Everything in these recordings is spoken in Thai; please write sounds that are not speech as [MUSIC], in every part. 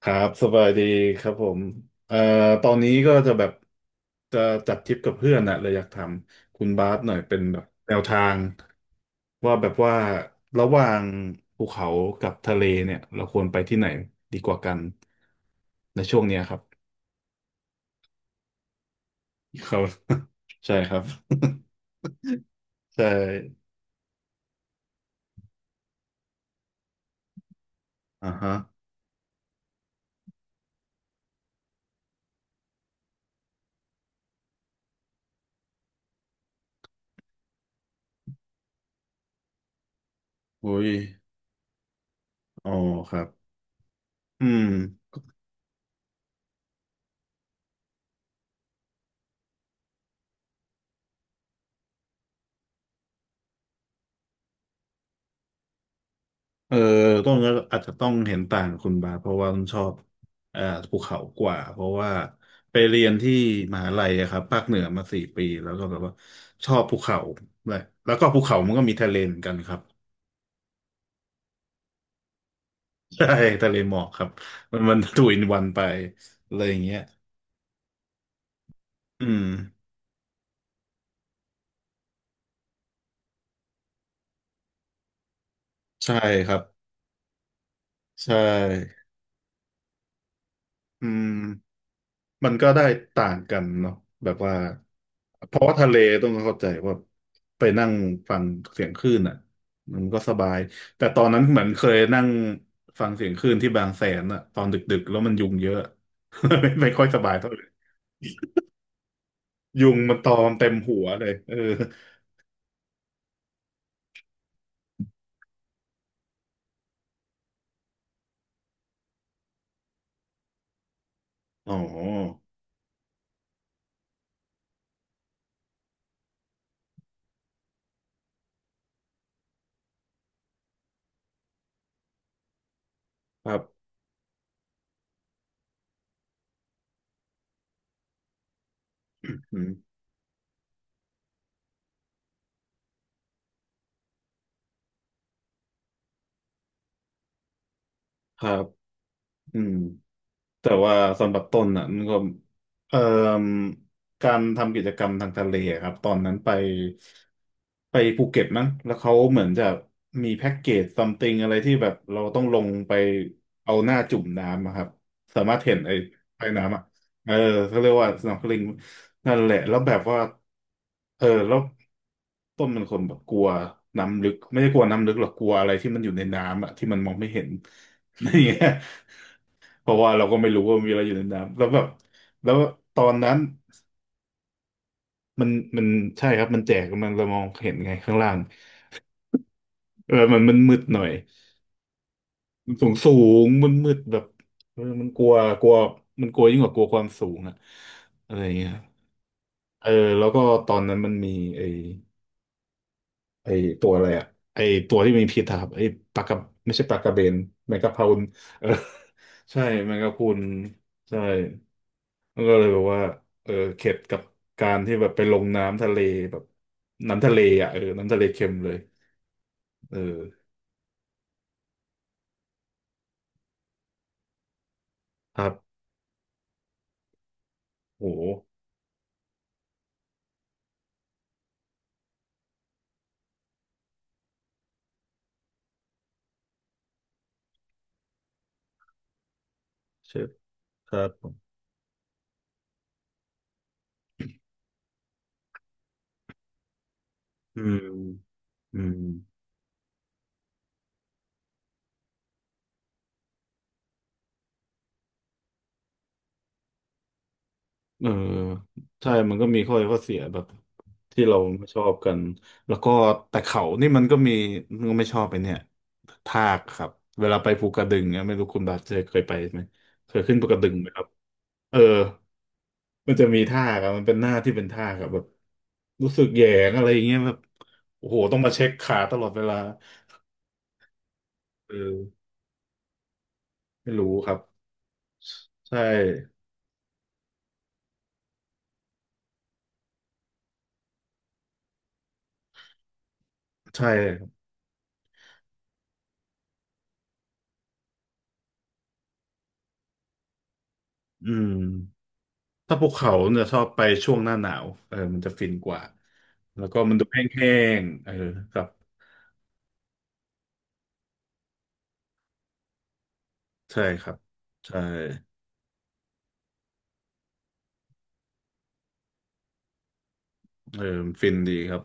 ครับสบายดีครับผมเอ่อตอนนี้ก็จะแบบจะจัดทริปกับเพื่อนนะเลยอยากถามคุณบาสหน่อยเป็นแบบแนวทางว่าแบบว่าระหว่างภูเขากับทะเลเนี่ยเราควรไปที่ไหนดีกว่ากันในช่วงเนี้ยครับ [LAUGHS] ครับ [LAUGHS] ใช่ครับ [LAUGHS] ใช่อ่าฮะอุ้ยอ๋อครับอืม เออต้องก็อาจจะต้องเห็นต่างกับคุณบาสเพราะว่าต้นชอบอ่าภูเขากว่าเพราะว่าไปเรียนที่มหาลัยอะครับภาคเหนือมาสี่ปีแล้วก็แบบว่าชอบภูเขาเลยแล้วก็ภูเขามันก็มีทะเลเหมือนกันครับ [LAUGHS] ใช่ทะเลหมอกครับมันทูอินวันไปอะไรอย่างเงี้ยอืมใช่ครับใช่อืม มันก็ได้ต่างกันเนาะแบบว่าเพราะว่าทะเลต้องเข้าใจว่าไปนั่งฟังเสียงคลื่นอ่ะมันก็สบายแต่ตอนนั้นเหมือนเคยนั่งฟังเสียงคลื่นที่บางแสนอ่ะตอนดึกๆแล้วมันยุงเยอะ [LAUGHS] ไม่ค่อยสบายเท่าไหร่ยุงมันตอมเต็มหัวเลยเอออ๋อครับอืมครับอืม แต่ว่าสำหรับต้นอ่ะมันก็เอ่อการทำกิจกรรมทางทะเลอะครับตอนนั้นไปภูเก็ตมั้งแล้วเขาเหมือนจะมีแพ็กเกจซัมติงอะไรที่แบบเราต้องลงไปเอาหน้าจุ่มน้ำอะครับสามารถเห็นไอ้น้ำอ่ะเออเขาเรียกว่า snorkeling นั่นแหละแล้วแบบว่าเออแล้วต้นเป็นคนแบบกลัวน้ำลึกไม่ได้กลัวน้ำลึกหรอกกลัวอะไรที่มันอยู่ในน้ำอ่ะที่มันมองไม่เห็น [LAUGHS] อะไรอย่างเงี้ย เพราะว่าเราก็ไม่รู้ว่ามีอะไรอยู่ในน้ำแล้วแบบแล้วตอนนั้นมันมันใช่ครับมันแจกมันเรามองเห็นไงข้างล่างเออมันมืดหน่อยสูงมันมืดแบบเออมันกลัวกลัวมันกลัวยิ่งกว่ากลัวความสูงอะอะไรอย่างเงี้ยเออแล้วก็ตอนนั้นมันมีไอ้ไอ้ตัวอะไรอะไอ้ตัวที่มีพิษอะครับไอ้ปลากระไม่ใช่ปลากระเบนแมงกะพรุนเออใช่แมงกะพรุนใช่ ก็เลยแบบว่าเออเข็ดกับการที่แบบไปลงน้ำทะเลแบบน้ำทะเลอ่ะเออน้ำทะเลเค็มเลยเออครับโหเชฟครับผมอืมอืมเออใช่มันก็มีข้อดีข้อเสียแบบที่เราไม่ชอบกันแล้วก็แต่เขานี่มันก็ไม่ชอบไปเนี่ยทากครับ เวลาไปภูกระดึงเนี่ยไม่รู้คุณบาสเจอเคยไปไหม เคยขึ้นภูกระดึงไหมครับเออ มันจะมีท่าครับมันเป็นหน้าที่เป็นท่าครับแบบรู้สึกแหยงอะไรอย่างเงี้ยแบบโอ้โหต้องมาเช็คขาตลอดเวลาเออไม่รู้ครับใช่ใช่ครับอืมถ้าภูเขาเนี่ยชอบไปช่วงหน้าหนาวเออมันจะฟินกว่าแล้วก็มันดูแห้งๆเออครับใช่ครับใช่เออมันฟินดีครับ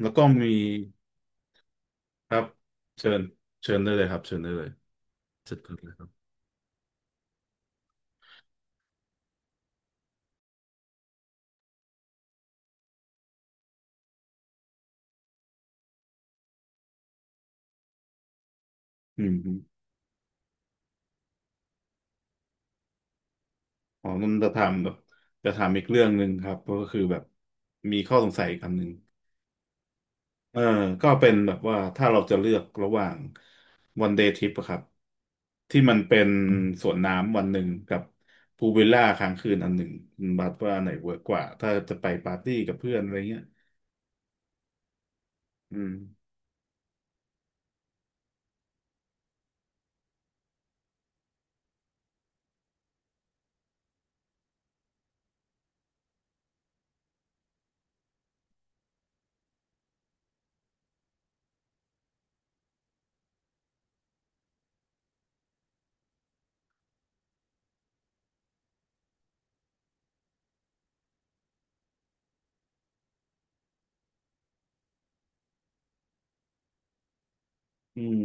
แล้วก็มีครับเชิญเชิญได้เลยครับเชิญได้เลยเชิญได้เลยครับอืม อ๋อนนจะถามแบบจะถามอีกเรื่องหนึ่งครับก็คือแบบมีข้อสงสัยอีกอันหนึ่งเออก็เป็นแบบว่าถ้าเราจะเลือกระหว่างวันเดย์ทริปอะครับที่มันเป็นสวนน้ำวันหนึ่งกับพูลวิลล่าค้างคืนอันหนึ่งคุณบัดว่าอันไหนเวิร์กกว่าถ้าจะไปปาร์ตี้กับเพื่อนอะไรเงี้ยอืม อืม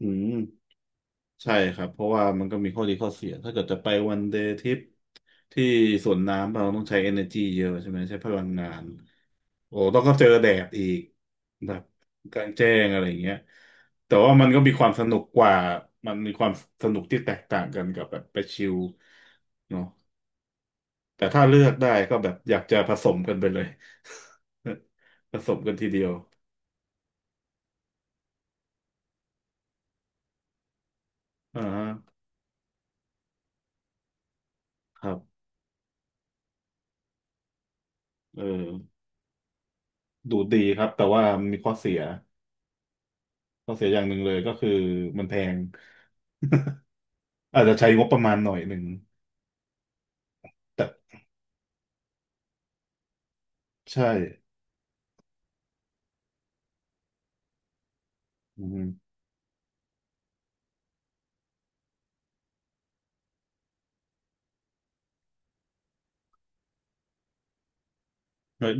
อืม ใช่ครับเพราะว่ามันก็มีข้อดีข้อเสียถ้าเกิดจะไปวันเดย์ทริปที่สวนน้ำเราต้องใช้ energy เยอะใช่ไหมใช้พลังงานโอ้ต้องก็เจอแดดอีกแบบกลางแจ้งอะไรอย่างเงี้ยแต่ว่ามันก็มีความสนุกกว่ามันมีความสนุกที่แตกต่างกันกับแบบไปชิลเนาะแต่ถ้าเลือกได้ก็แบบอยากจะผสมกันไปเลย [LAUGHS] ผสมกันทีเดียวอ่าฮะครับเออดูดีครับแต่ว่ามีข้อเสีย ข้อเสียอย่างหนึ่งเลยก็คือมันแพงอาจจะใช้งบประมาณหน่อยหนึ่งแต่ใช่อืม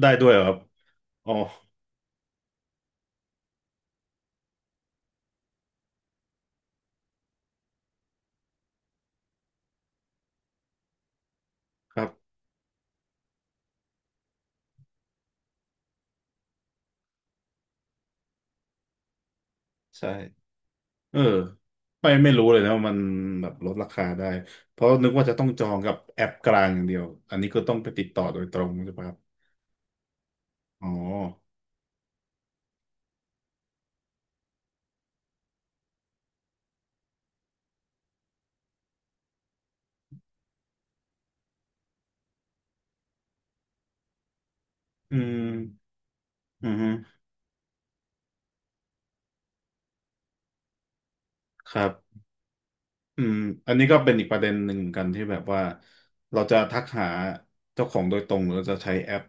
ได้ด้วยเหรอครับอ๋อครับใช่เออไม่รู้เลยนะว่ามันแบบลดราคาได้เพราะนึกว่าจะต้องจองกับแอปกลางอย่างเดียวอันนี้ก็ต้องไปติดต่อโดยตรงใช่ปะครับอ๋ออืมอืมครับ อืมอันนี้ก็เป็นอีกประเด็นหนึ่งเหมือนกันที่แบบว่าเราจะทักหาเจ้าของโดยตรงหรือเราจะใช้แอป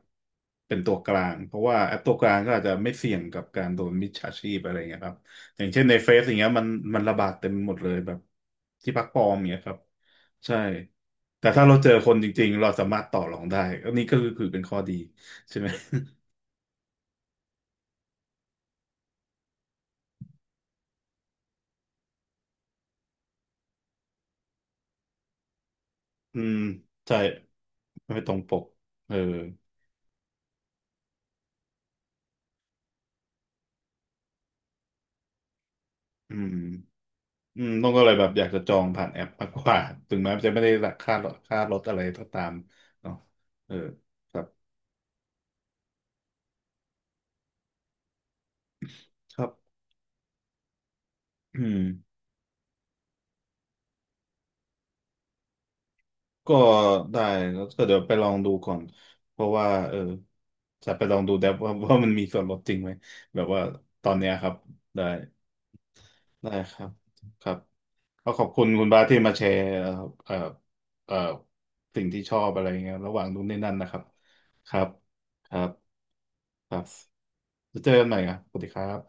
เป็นตัวกลางเพราะว่าแอปตัวกลางก็อาจจะไม่เสี่ยงกับการโดนมิจฉาชีพอะไรเงี้ยครับอย่างเช่นในเฟซอย่างเงี้ยมันระบาดเต็มหมดเลยแบบที่พักปลอมอย่างเงี้ยครับใช่แต่ถ้าเราเจอคนจริงๆเราสามารถต่อรองได้อันนี้ก็คือเป็นข้อดีใช่ไหม [LAUGHS] อืมใช่ไม่ตรงปกเอออืม อืมต้องก็เลยแบบอยากจะจองผ่านแอปมากกว่าถึงแม้จะไม่ได้ราคาลดค่ารถอะไรก็ตามเนาะเออครับครับอืมก็ได้แล้วก็เดี๋ยวไปลองดูก่อนเพราะว่าเออจะไปลองดูแดปว่า [LAUGHS] ว่ามันมีส่วนลดจริงไหมแบบว่าตอนเนี้ยครับได้ได้ครับครับก็ขอบคุณคุณบาสที่มาแชร์เอ่อเอ่อสิ่งที่ชอบอะไรเงี้ยระหว่างนู้นนี่นั่นนะครับครับครับครับจะเจอกันใหม่ครับสวัสดีครับ